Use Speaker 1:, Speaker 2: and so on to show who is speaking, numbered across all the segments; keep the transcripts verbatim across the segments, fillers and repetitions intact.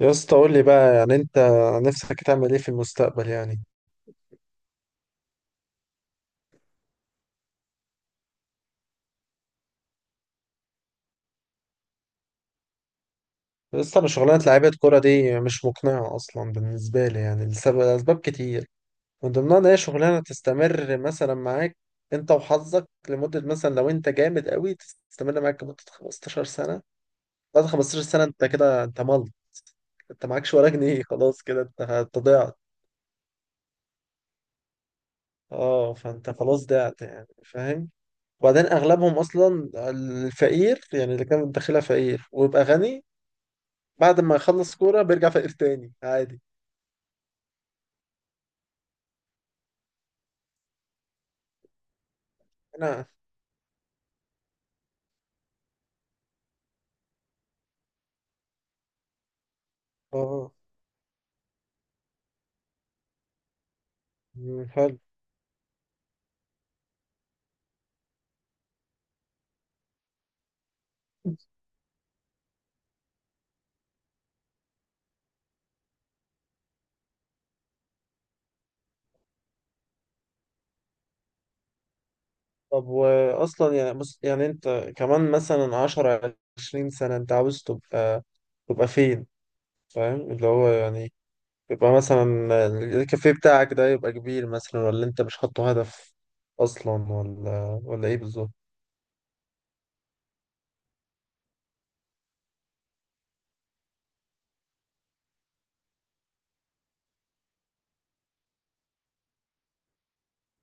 Speaker 1: يا اسطى، قول لي بقى يعني انت نفسك تعمل ايه في المستقبل يعني؟ لسه انا، شغلانه لعيبه كوره دي مش مقنعه اصلا بالنسبه لي يعني، لسبب اسباب كتير، من ضمنها ان هي شغلانه تستمر مثلا معاك انت وحظك لمده، مثلا لو انت جامد قوي تستمر معاك لمده خمسة عشر سنة سنه. بعد خمسة عشر سنة سنه انت كده، انت ملك، انت معكش ولا جنيه، خلاص كده انت انت ضعت. اه، فانت خلاص ضعت يعني، فاهم. وبعدين اغلبهم اصلا الفقير يعني، اللي كان داخلها فقير ويبقى غني، بعد ما يخلص كورة بيرجع فقير تاني عادي. انا. اه. مم، حلو. طب واصلا يعني، بص يعني انت كمان مثلا عشرة عشرين سنة انت عاوز تبقى تبقى فين، فاهم اللي هو يعني؟ يبقى مثلا الكافيه بتاعك ده يبقى كبير مثلا، ولا انت مش حاطه هدف اصلا، ولا ولا ايه بالظبط؟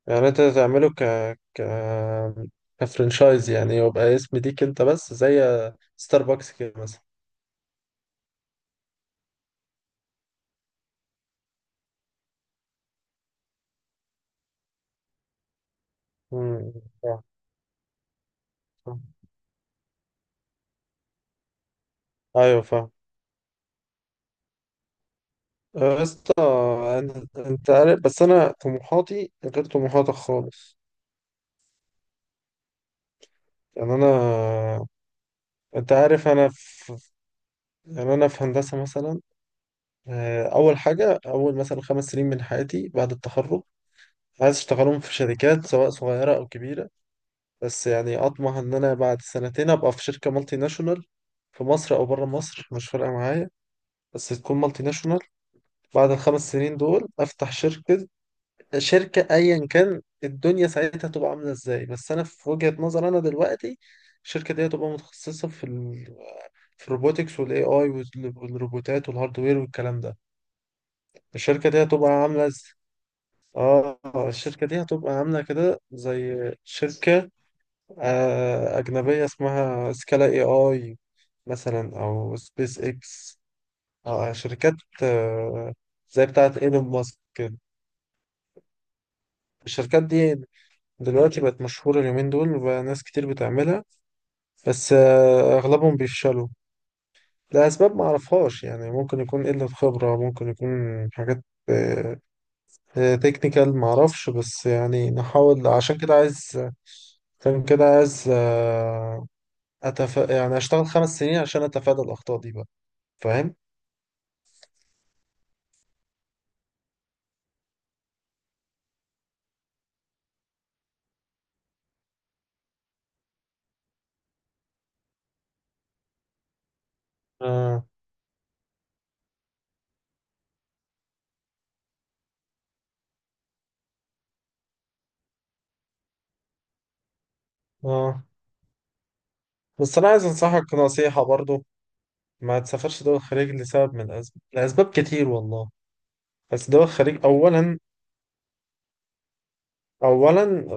Speaker 1: يعني انت تعمله ك ك كفرنشايز يعني، يبقى اسم ليك انت بس زي ستاربكس كده مثلا. مم، فاهم، فاهم. ايوه فاهم. آه، يا اسطى، أنا- انت عارف، بس انا طموحاتي غير طموحاتك خالص يعني انا. انت عارف، انا في، يعني انا في هندسه مثلا. آه، اول حاجه، اول مثلا خمس سنين من حياتي بعد التخرج، عايز اشتغلهم في شركات سواء صغيره او كبيره. بس يعني اطمح ان انا بعد سنتين ابقى في شركه مالتي ناشونال، في مصر او بره مصر مش فارقه معايا، بس تكون مالتي ناشونال. بعد الخمس سنين دول افتح شركه، شركة أيا كان الدنيا ساعتها تبقى عاملة إزاي، بس أنا في وجهة نظر أنا دلوقتي، الشركة دي هتبقى متخصصة في ال، في الروبوتكس والاي اي والروبوتات والهاردوير والكلام ده. الشركة دي هتبقى عاملة ز... اه الشركة دي هتبقى عاملة كده زي شركة آه، أجنبية اسمها سكالا اي اي مثلا، أو سبيس اكس. آه، شركات، آه، زي بتاعة ايلون ماسك كده. الشركات دي دلوقتي بقت مشهورة اليومين دول، وبقى ناس كتير بتعملها، بس آه، أغلبهم بيفشلوا لأسباب معرفهاش يعني، ممكن يكون قلة خبرة، ممكن يكون حاجات تكنيكال معرفش، بس يعني نحاول. عشان كده عايز، عشان كده عايز آه، أتف... يعني أشتغل خمس سنين عشان أتفادى الأخطاء دي بقى، فاهم؟ آه، آه. بس أنا عايز أنصحك نصيحة برضو، ما تسافرش دول الخليج لسبب من الأسباب، لأسباب كتير والله، بس دول الخليج، أولا أولا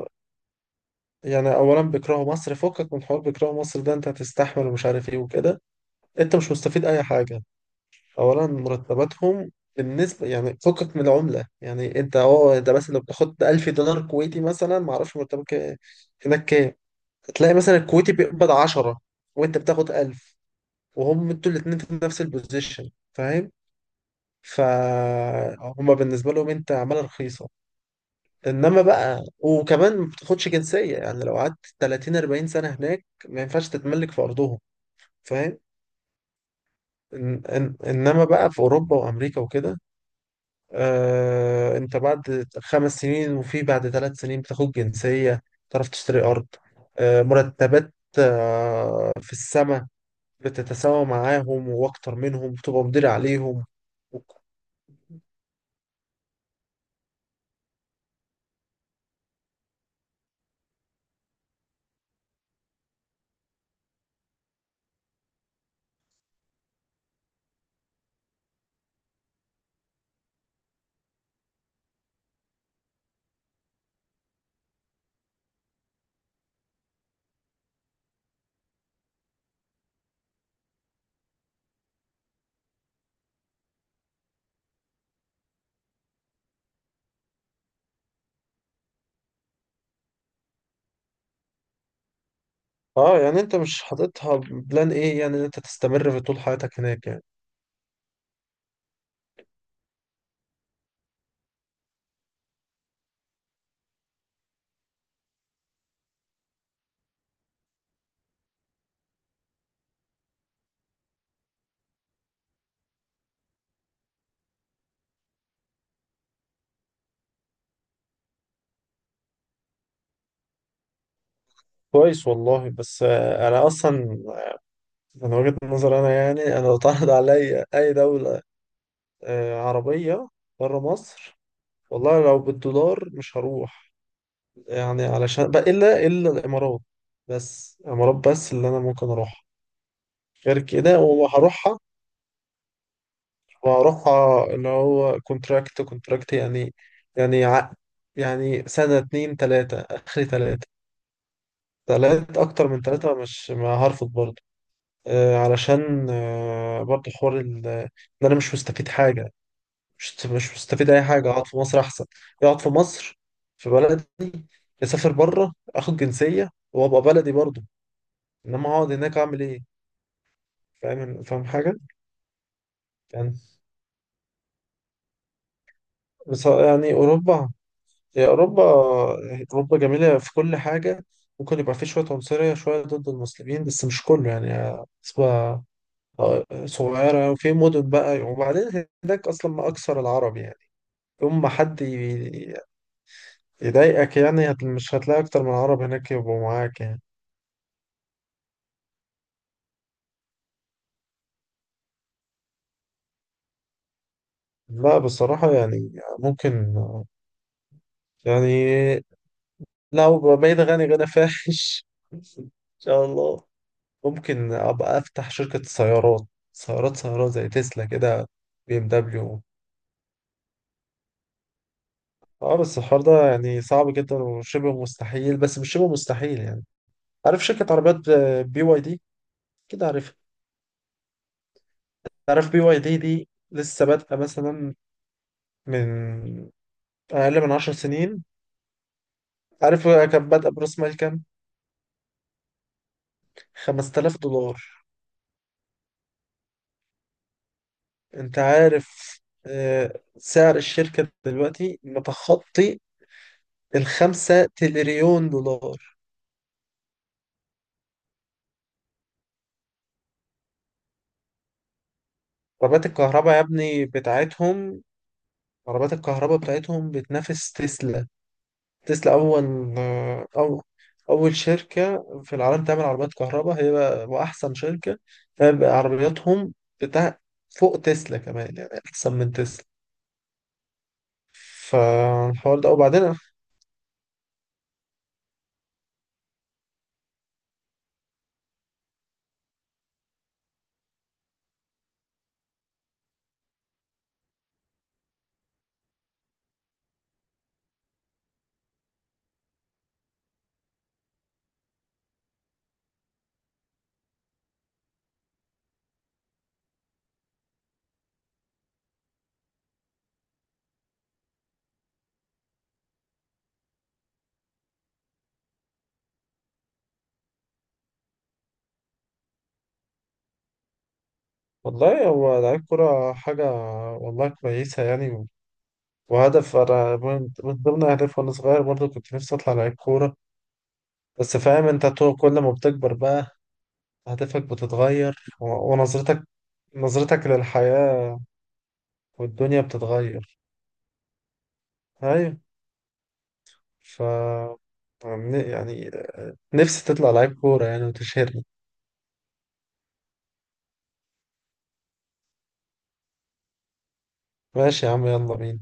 Speaker 1: يعني اولا بيكرهوا مصر، فكك من حوار بيكرهوا مصر ده، انت هتستحمل ومش عارف ايه وكده، انت مش مستفيد اي حاجه. اولا مرتباتهم بالنسبه يعني، فكك من العمله يعني، انت اه، ده مثلا لو بتاخد ألف دولار كويتي مثلا، ما اعرفش مرتبك ايه- هناك كام. هتلاقي مثلا الكويتي بيقبض عشرة، وانت بتاخد ألف، وهم انتوا الاثنين في نفس البوزيشن، فاهم. فهم بالنسبه لهم انت عماله رخيصه. انما بقى، وكمان ما بتاخدش جنسيه، يعني لو قعدت تلاتين أربعين سنه هناك ما ينفعش تتملك في ارضهم، فاهم. إن إن انما بقى في اوروبا وامريكا وكده، آه، انت بعد خمس سنين، وفي بعد ثلاث سنين بتاخد جنسيه، تعرف تشتري ارض. آه، مرتبات آه، في السماء، بتتساوى معاهم واكتر منهم، بتبقى مدير عليهم. اه، يعني انت مش حاططها بلان ايه يعني، إن انت تستمر في طول حياتك هناك يعني؟ كويس والله، بس آه، انا اصلا من وجهة نظر انا يعني، انا لو اتعرض عليا اي دولة آه، عربية بره مصر، والله لو بالدولار مش هروح، يعني علشان بقى الا الا الامارات. بس الامارات بس اللي انا ممكن اروحها، غير كده وهروحها وهروحها اللي هو كونتراكت، كونتراكت يعني، يعني عقد، يعني سنة اتنين تلاتة اخري تلاتة تلات اكتر من تلاتة، مش ما هرفض برضه. آه، علشان آه، برضه حوار ال- ان انا مش مستفيد حاجه، مش مش مستفيد اي حاجه، اقعد في مصر احسن، اقعد في مصر في بلدي، اسافر بره اخد جنسيه وابقى بلدي برضه، انما اقعد هناك اعمل ايه؟ فاهم، فاهم حاجه. يعني، بس يعني اوروبا هي اوروبا، اوروبا جميله في كل حاجه، ممكن يبقى في شويه عنصريه شويه ضد المسلمين، بس مش كله يعني، نسبه آه، صغيره، وفي مدن بقى. وبعدين هناك اصلا ما اكثر العرب يعني، يوم ما حد ي- يضايقك يعني، هت- مش هتلاقي أكتر من عرب هناك يبقوا معاك يعني. لا بصراحة يعني، ممكن يعني، لو بقيت غني غنى فاحش إن شاء الله، ممكن أبقى أفتح شركة سيارات، سيارات سيارات زي تسلا كده، بي ام دبليو. اه بس الحوار ده يعني صعب جدا وشبه مستحيل، بس مش شبه مستحيل يعني، عارف شركة عربيات بي واي دي كده، عارف. عارف بي واي دي دي لسه بادئة مثلا، من أقل من عشر سنين. عارف كان بادئ برأس مال كام؟ خمستلاف دولار. أنت عارف، آه، سعر الشركة دلوقتي متخطي الخمسة تريليون دولار. عربيات الكهرباء يا ابني بتاعتهم، عربيات الكهرباء بتاعتهم بتنافس تسلا، تسلا أول آه، أو أول شركة في العالم تعمل عربيات كهرباء، هي بقى- وأحسن شركة، فبقى عربياتهم بتاع فوق تسلا كمان، يعني أحسن من تسلا. فالحوار ده وبعدين. والله هو لعيب كرة حاجة والله كويسة يعني، وهدف أنا من من ضمن أهدافي وأنا صغير برضه، كنت نفسي أطلع لعيب كورة، بس فاهم أنت، تو- كل ما بتكبر بقى أهدافك بتتغير، و- ونظرتك نظرتك للحياة، والدنيا بتتغير. أيوة. ف يعني يعني، نفسي تطلع لعيب كورة يعني وتشهرني. ماشي يا عم، يلا بينا.